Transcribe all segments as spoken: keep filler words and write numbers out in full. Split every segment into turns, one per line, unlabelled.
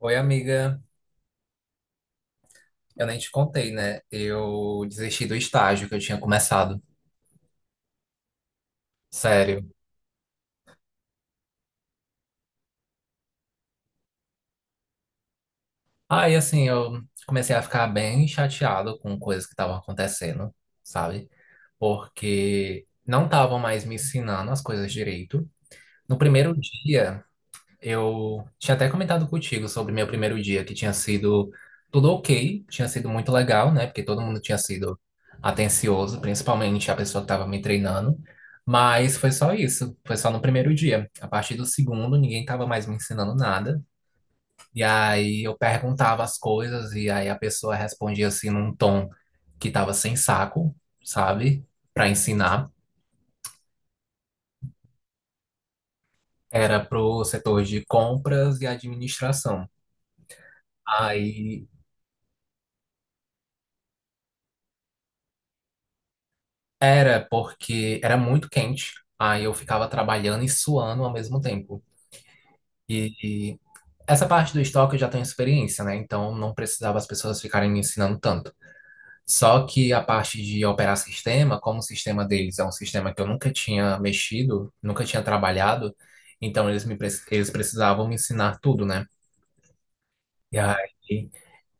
Oi, amiga. Eu nem te contei, né? Eu desisti do estágio que eu tinha começado. Sério. Aí, assim, eu comecei a ficar bem chateado com coisas que estavam acontecendo, sabe? Porque não estavam mais me ensinando as coisas direito. No primeiro dia, eu tinha até comentado contigo sobre meu primeiro dia, que tinha sido tudo ok, tinha sido muito legal, né? Porque todo mundo tinha sido atencioso, principalmente a pessoa que estava me treinando. Mas foi só isso, foi só no primeiro dia. A partir do segundo, ninguém estava mais me ensinando nada. E aí eu perguntava as coisas, e aí a pessoa respondia assim num tom que estava sem saco, sabe? Para ensinar. Era pro setor de compras e administração. Aí Era porque era muito quente, aí eu ficava trabalhando e suando ao mesmo tempo. E, e essa parte do estoque eu já tenho experiência, né? Então não precisava as pessoas ficarem me ensinando tanto. Só que a parte de operar sistema, como o sistema deles é um sistema que eu nunca tinha mexido, nunca tinha trabalhado, então eles me pre- eles precisavam me ensinar tudo, né? E aí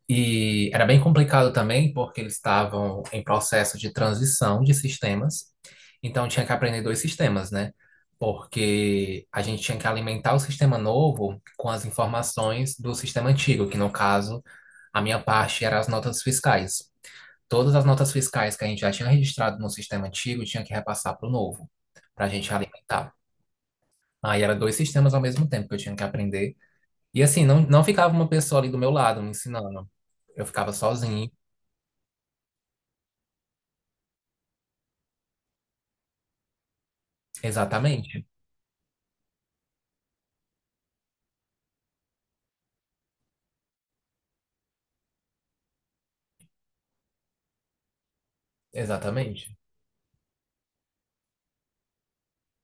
E era bem complicado também, porque eles estavam em processo de transição de sistemas, então tinha que aprender dois sistemas, né? Porque a gente tinha que alimentar o sistema novo com as informações do sistema antigo, que no caso, a minha parte era as notas fiscais. Todas as notas fiscais que a gente já tinha registrado no sistema antigo tinha que repassar para o novo, para a gente alimentar. Aí era dois sistemas ao mesmo tempo que eu tinha que aprender. E assim, não, não ficava uma pessoa ali do meu lado me ensinando. Eu ficava sozinho. Exatamente, exatamente.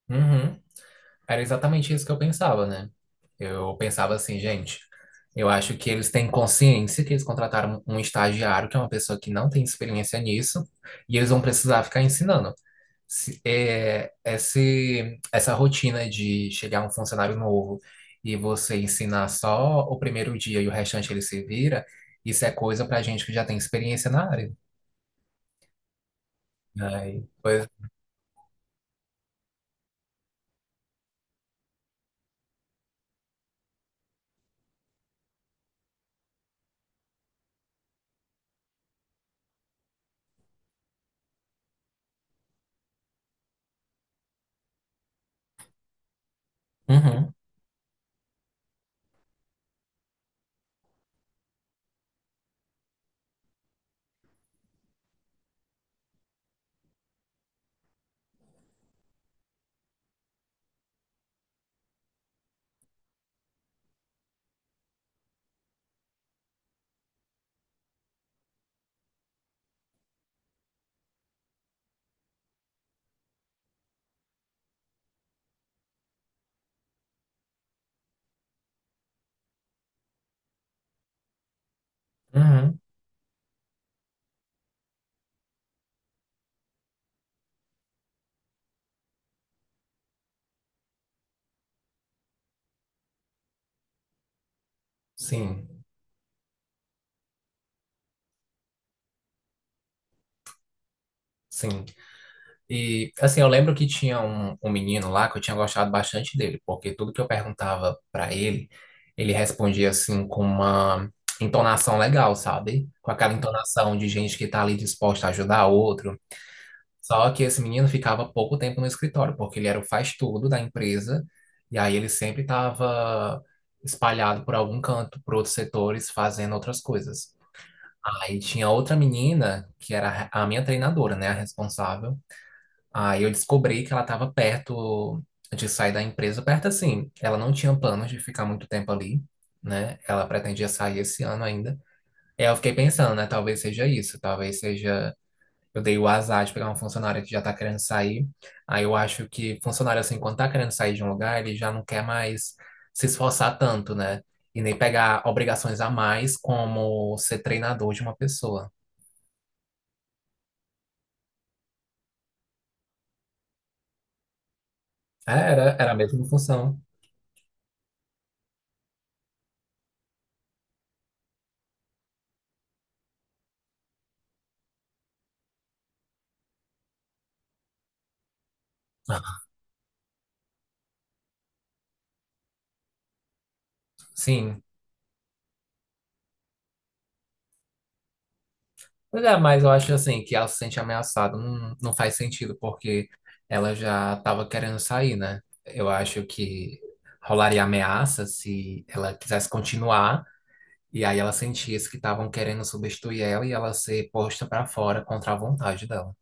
Uhum. Era exatamente isso que eu pensava, né? Eu pensava assim, gente, eu acho que eles têm consciência que eles contrataram um estagiário, que é uma pessoa que não tem experiência nisso, e eles vão precisar ficar ensinando. Se- é, esse, essa rotina de chegar um funcionário novo e você ensinar só o primeiro dia e o restante ele se vira, isso é coisa pra gente que já tem experiência na área. Aí, pois, uhum, uhum, sim, sim. E, assim, eu lembro que tinha um, um menino lá que eu tinha gostado bastante dele, porque tudo que eu perguntava pra ele, ele respondia, assim, com uma entonação legal, sabe? Com aquela entonação de gente que tá ali disposta a ajudar outro. Só que esse menino ficava pouco tempo no escritório, porque ele era o faz-tudo da empresa, e aí ele sempre estava espalhado por algum canto, por outros setores, fazendo outras coisas. Aí tinha outra menina, que era a minha treinadora, né, a responsável. Aí eu descobri que ela estava perto de sair da empresa, perto assim. Ela não tinha planos de ficar muito tempo ali, né? Ela pretendia sair esse ano ainda. E aí eu fiquei pensando, né? Talvez seja isso, talvez seja. Eu dei o azar de pegar uma funcionária que já tá querendo sair. Aí eu acho que funcionário, assim, quando tá querendo sair de um lugar, ele já não quer mais se esforçar tanto, né? E nem pegar obrigações a mais como ser treinador de uma pessoa. É, Era, era a mesma função. Sim. Pois é, mas eu acho assim que ela se sente ameaçada não, não faz sentido, porque ela já estava querendo sair, né? Eu acho que rolaria ameaça se ela quisesse continuar, e aí ela sentisse que estavam querendo substituir ela e ela ser posta pra fora contra a vontade dela.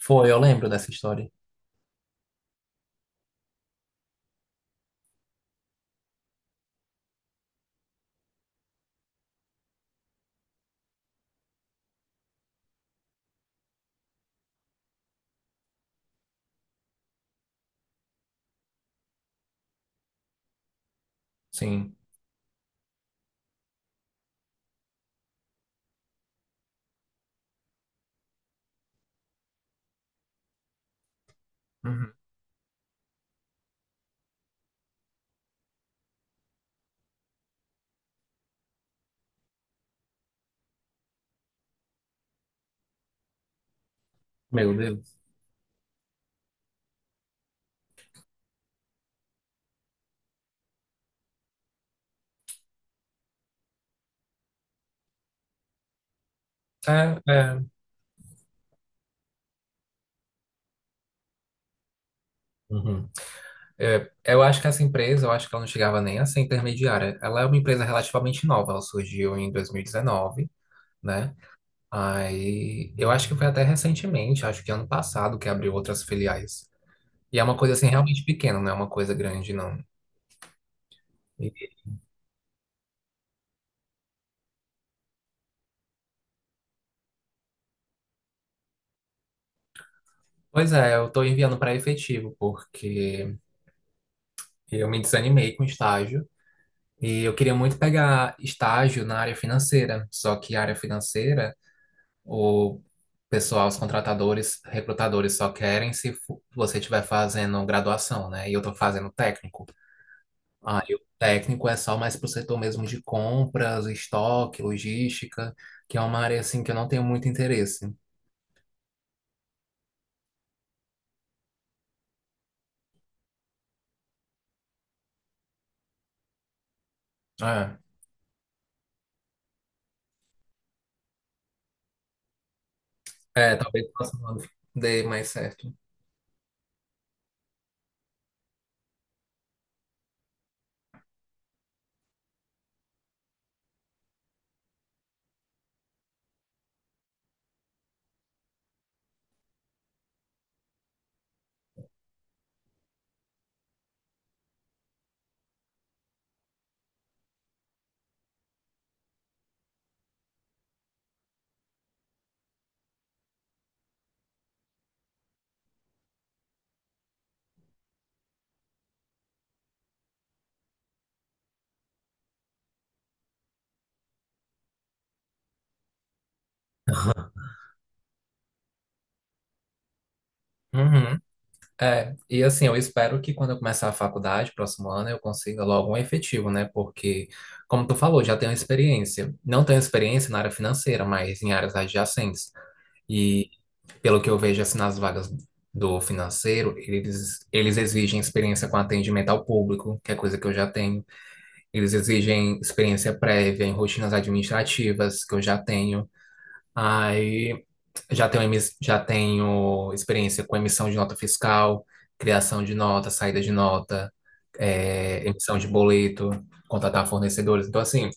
Foi, eu lembro dessa história. Sim. Uhum. Meu Deus. É, é. Uhum. É, eu acho que essa empresa, eu acho que ela não chegava nem a ser intermediária. Ela é uma empresa relativamente nova, ela surgiu em dois mil e dezenove, né? Aí, eu acho que foi até recentemente, acho que ano passado, que abriu outras filiais. E é uma coisa assim realmente pequena, não é uma coisa grande, não. E, pois é, eu tô enviando para efetivo, porque eu me desanimei com estágio e eu queria muito pegar estágio na área financeira, só que a área financeira, o pessoal, os contratadores, recrutadores só querem se fu- você estiver fazendo graduação, né? E eu tô fazendo técnico. Aí o técnico é só mais para o setor mesmo de compras, estoque, logística, que é uma área assim que eu não tenho muito interesse. É, é talvez o próximo ano dê mais certo. Uhum. É, e assim, eu espero que quando eu começar a faculdade, próximo ano, eu consiga logo um efetivo, né? Porque, como tu falou, já tenho experiência. Não tenho experiência na área financeira, mas em áreas adjacentes. Pelo que eu vejo assim nas vagas do financeiro, eles, eles exigem experiência com atendimento ao público, que é coisa que eu já tenho. Eles exigem experiência prévia em rotinas administrativas, que eu já tenho. Aí já tenho, emis- já tenho experiência com emissão de nota fiscal, criação de nota, saída de nota, eh, emissão de boleto, contratar fornecedores. Então, assim,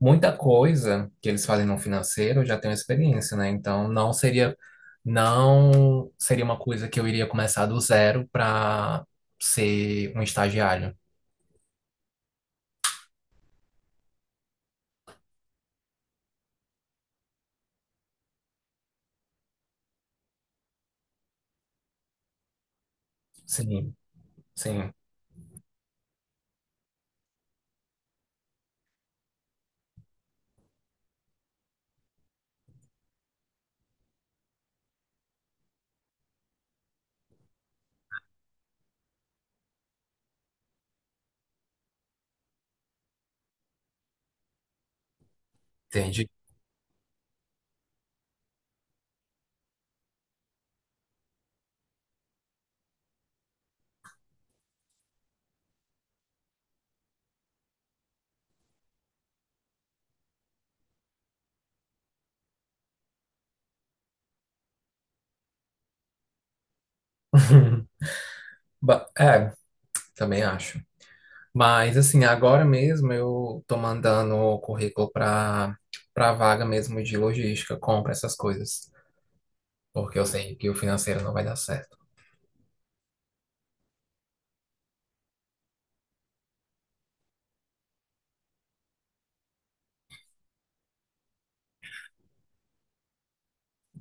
muita coisa que eles fazem no financeiro eu já tenho experiência, né? Então não seria não seria uma coisa que eu iria começar do zero para ser um estagiário. Sim, sim, entendi. Ba- É, também acho. Mas assim, agora mesmo eu tô mandando o currículo para para vaga mesmo de logística, compra essas coisas, porque eu sei que o financeiro não vai dar certo.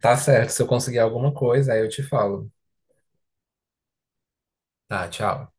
Tá certo, se eu conseguir alguma coisa, aí eu te falo. Tá, tchau.